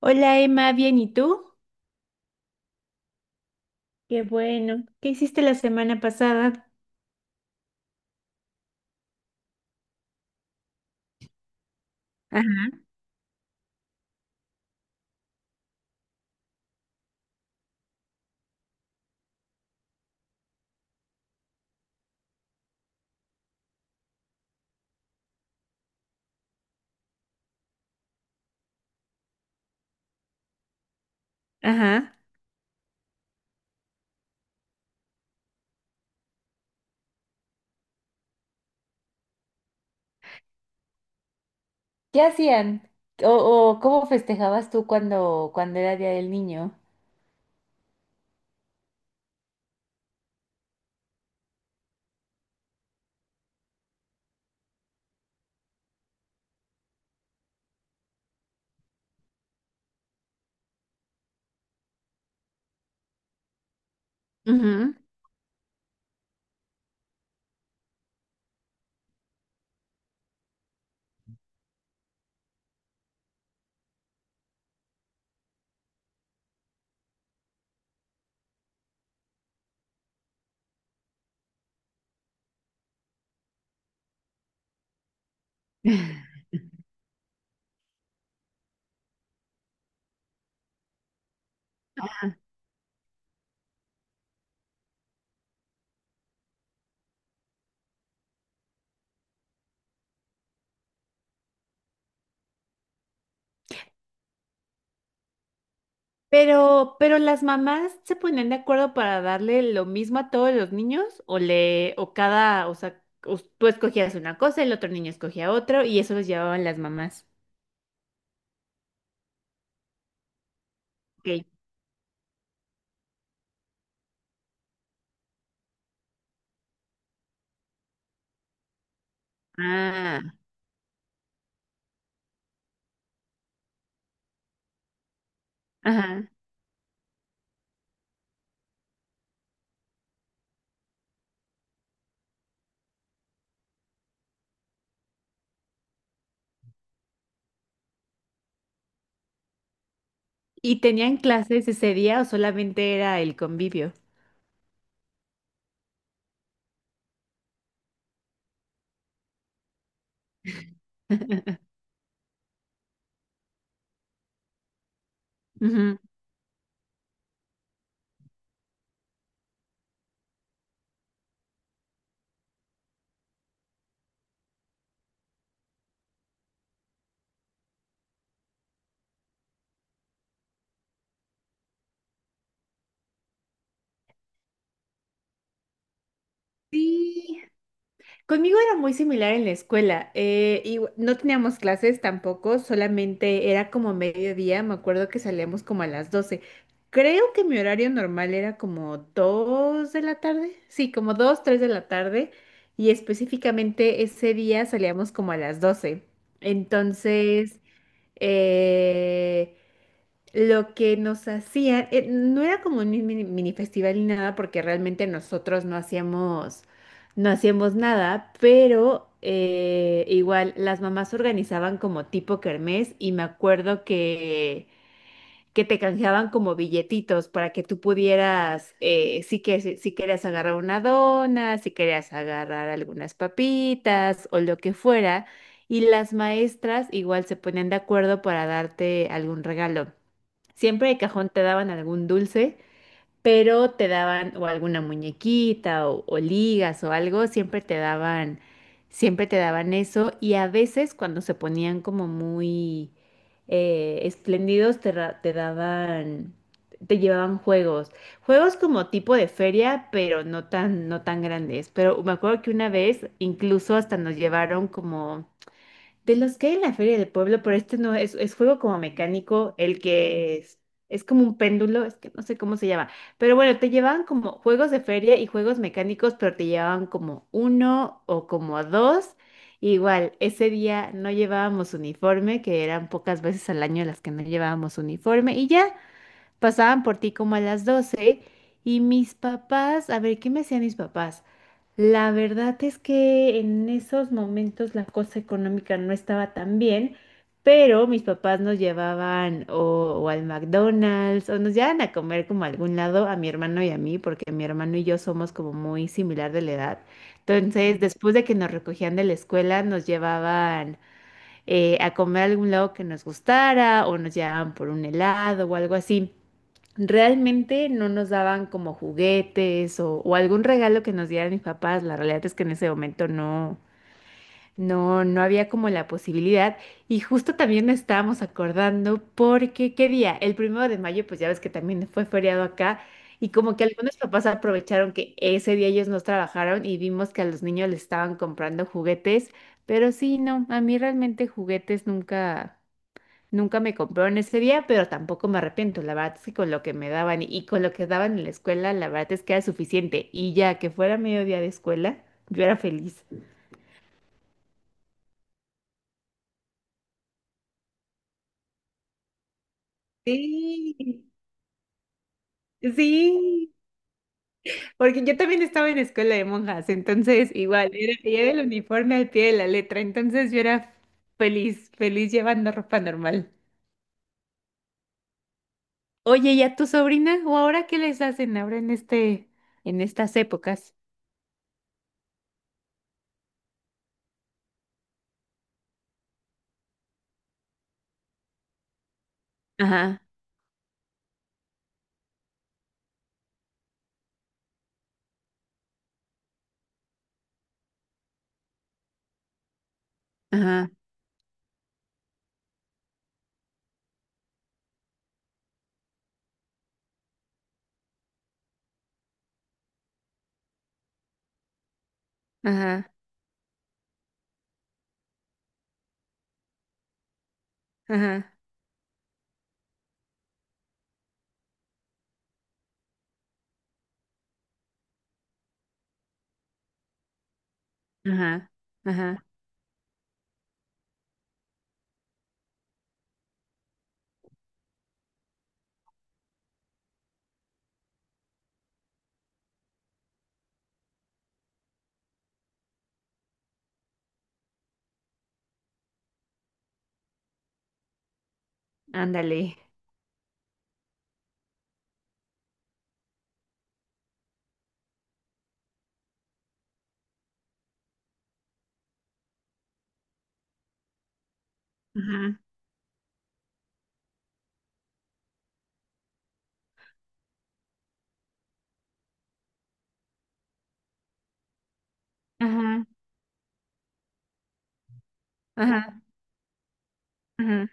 Hola Emma, bien, ¿y tú? Qué bueno. ¿Qué hiciste la semana pasada? Ajá, ajá. ¿Qué hacían? ¿O, o cómo festejabas tú cuando era Día del Niño? Ujú. Pero las mamás se ponen de acuerdo para darle lo mismo a todos los niños o le, o cada, o sea, tú escogías una cosa, el otro niño escogía otro y eso los llevaban las mamás. Ok. Ah, ajá. ¿Y tenían clases ese día o solamente era el convivio? Ujú. Sí, conmigo era muy similar en la escuela. Y no teníamos clases tampoco, solamente era como mediodía. Me acuerdo que salíamos como a las 12. Creo que mi horario normal era como 2 de la tarde. Sí, como 2, 3 de la tarde. Y específicamente ese día salíamos como a las 12. Entonces, eh, lo que nos hacían, no era como un mini, mini festival ni nada, porque realmente nosotros no hacíamos nada, pero igual las mamás organizaban como tipo kermés y me acuerdo que te canjeaban como billetitos para que tú pudieras, si querías agarrar una dona, si querías agarrar algunas papitas o lo que fuera, y las maestras igual se ponían de acuerdo para darte algún regalo. Siempre de cajón te daban algún dulce, pero te daban o alguna muñequita o ligas o algo, siempre te daban eso y a veces cuando se ponían como muy espléndidos te daban, te llevaban juegos, juegos como tipo de feria, pero no tan grandes. Pero me acuerdo que una vez incluso hasta nos llevaron como de los que hay en la feria del pueblo, pero este no es, es juego como mecánico, es como un péndulo, es que no sé cómo se llama. Pero bueno, te llevaban como juegos de feria y juegos mecánicos, pero te llevaban como uno o como dos. Igual, ese día no llevábamos uniforme, que eran pocas veces al año las que no llevábamos uniforme, y ya pasaban por ti como a las 12 y mis papás, a ver, ¿qué me hacían mis papás? La verdad es que en esos momentos la cosa económica no estaba tan bien, pero mis papás nos llevaban o al McDonald's o nos llevaban a comer como a algún lado a mi hermano y a mí, porque mi hermano y yo somos como muy similar de la edad. Entonces, después de que nos recogían de la escuela, nos llevaban a comer a algún lado que nos gustara o nos llevaban por un helado o algo así. Realmente no nos daban como juguetes o algún regalo que nos dieran mis papás. La realidad es que en ese momento no, no, no había como la posibilidad. Y justo también nos estábamos acordando porque, ¿qué día? El primero de mayo, pues ya ves que también fue feriado acá. Y como que algunos papás aprovecharon que ese día ellos no trabajaron y vimos que a los niños les estaban comprando juguetes. Pero sí, no, a mí realmente juguetes nunca, nunca me compraron ese día, pero tampoco me arrepiento. La verdad es que con lo que me daban y con lo que daban en la escuela, la verdad es que era suficiente. Y ya que fuera mediodía de escuela, yo era feliz. Sí. Sí, porque yo también estaba en escuela de monjas, entonces igual era el uniforme al pie de la letra, entonces yo era feliz, feliz llevando ropa normal. Oye, ¿y a tu sobrina? ¿O ahora qué les hacen ahora en este, en estas épocas? Ajá, ajá, ajá, ajá, ajá, ajá, ándale. Ajá, ajá, ajá, ajá,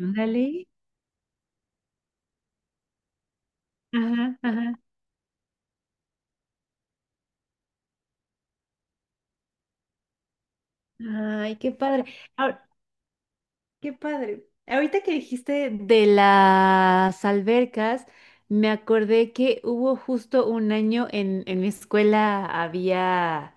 ándale. Ajá, ajá. Ay, qué padre. Qué padre. Ahorita que dijiste de las albercas, me acordé que hubo justo un año en mi escuela había.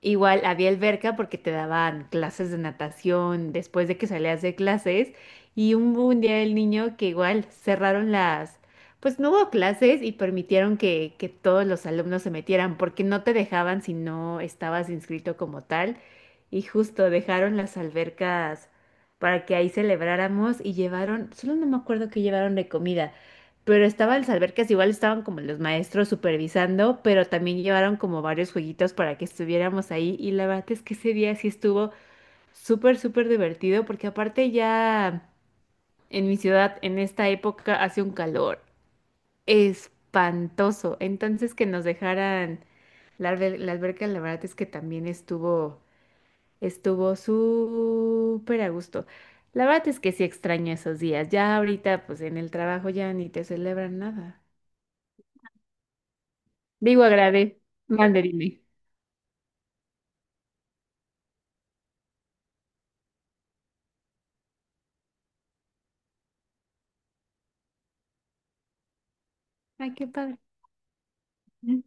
Igual había alberca porque te daban clases de natación después de que salías de clases y un día el niño que igual cerraron las, pues no hubo clases y permitieron que todos los alumnos se metieran porque no te dejaban si no estabas inscrito como tal y justo dejaron las albercas para que ahí celebráramos y llevaron, solo no me acuerdo qué llevaron de comida, pero estaba en las albercas, igual estaban como los maestros supervisando, pero también llevaron como varios jueguitos para que estuviéramos ahí. Y la verdad es que ese día sí estuvo súper, súper divertido, porque aparte ya en mi ciudad, en esta época, hace un calor espantoso. Entonces que nos dejaran la alberca, la verdad es que también estuvo súper a gusto. La verdad es que sí extraño esos días. Ya ahorita, pues en el trabajo ya ni te celebran nada. Digo, agrade. Mandarine. Ay, qué padre. Mm.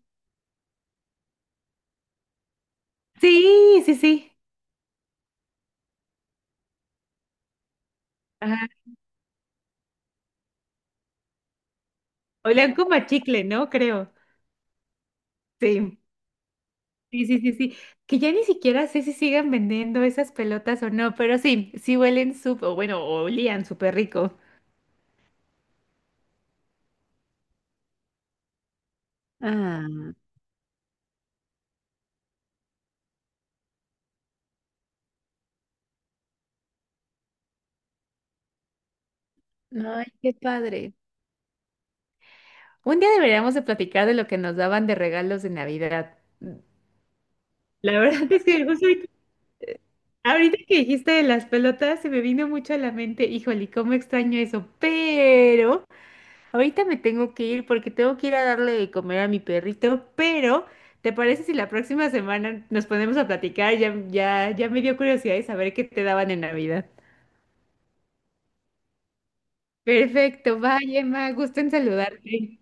Sí, sí, sí. Ajá. Olían como a chicle, ¿no? Creo. Sí. Sí, sí, sí, sí. Que ya ni siquiera sé si sigan vendiendo esas pelotas o no, pero sí, sí huelen súper, o bueno, olían súper rico. Ah, ay, qué padre. Un día deberíamos de platicar de lo que nos daban de regalos de Navidad. La verdad es que justo ahorita que dijiste de las pelotas se me vino mucho a la mente, híjole, cómo extraño eso, pero ahorita me tengo que ir porque tengo que ir a darle de comer a mi perrito, pero ¿te parece si la próxima semana nos ponemos a platicar? Ya, ya, ya me dio curiosidad de saber qué te daban en Navidad. Perfecto, vaya, Emma, gusto en saludarte.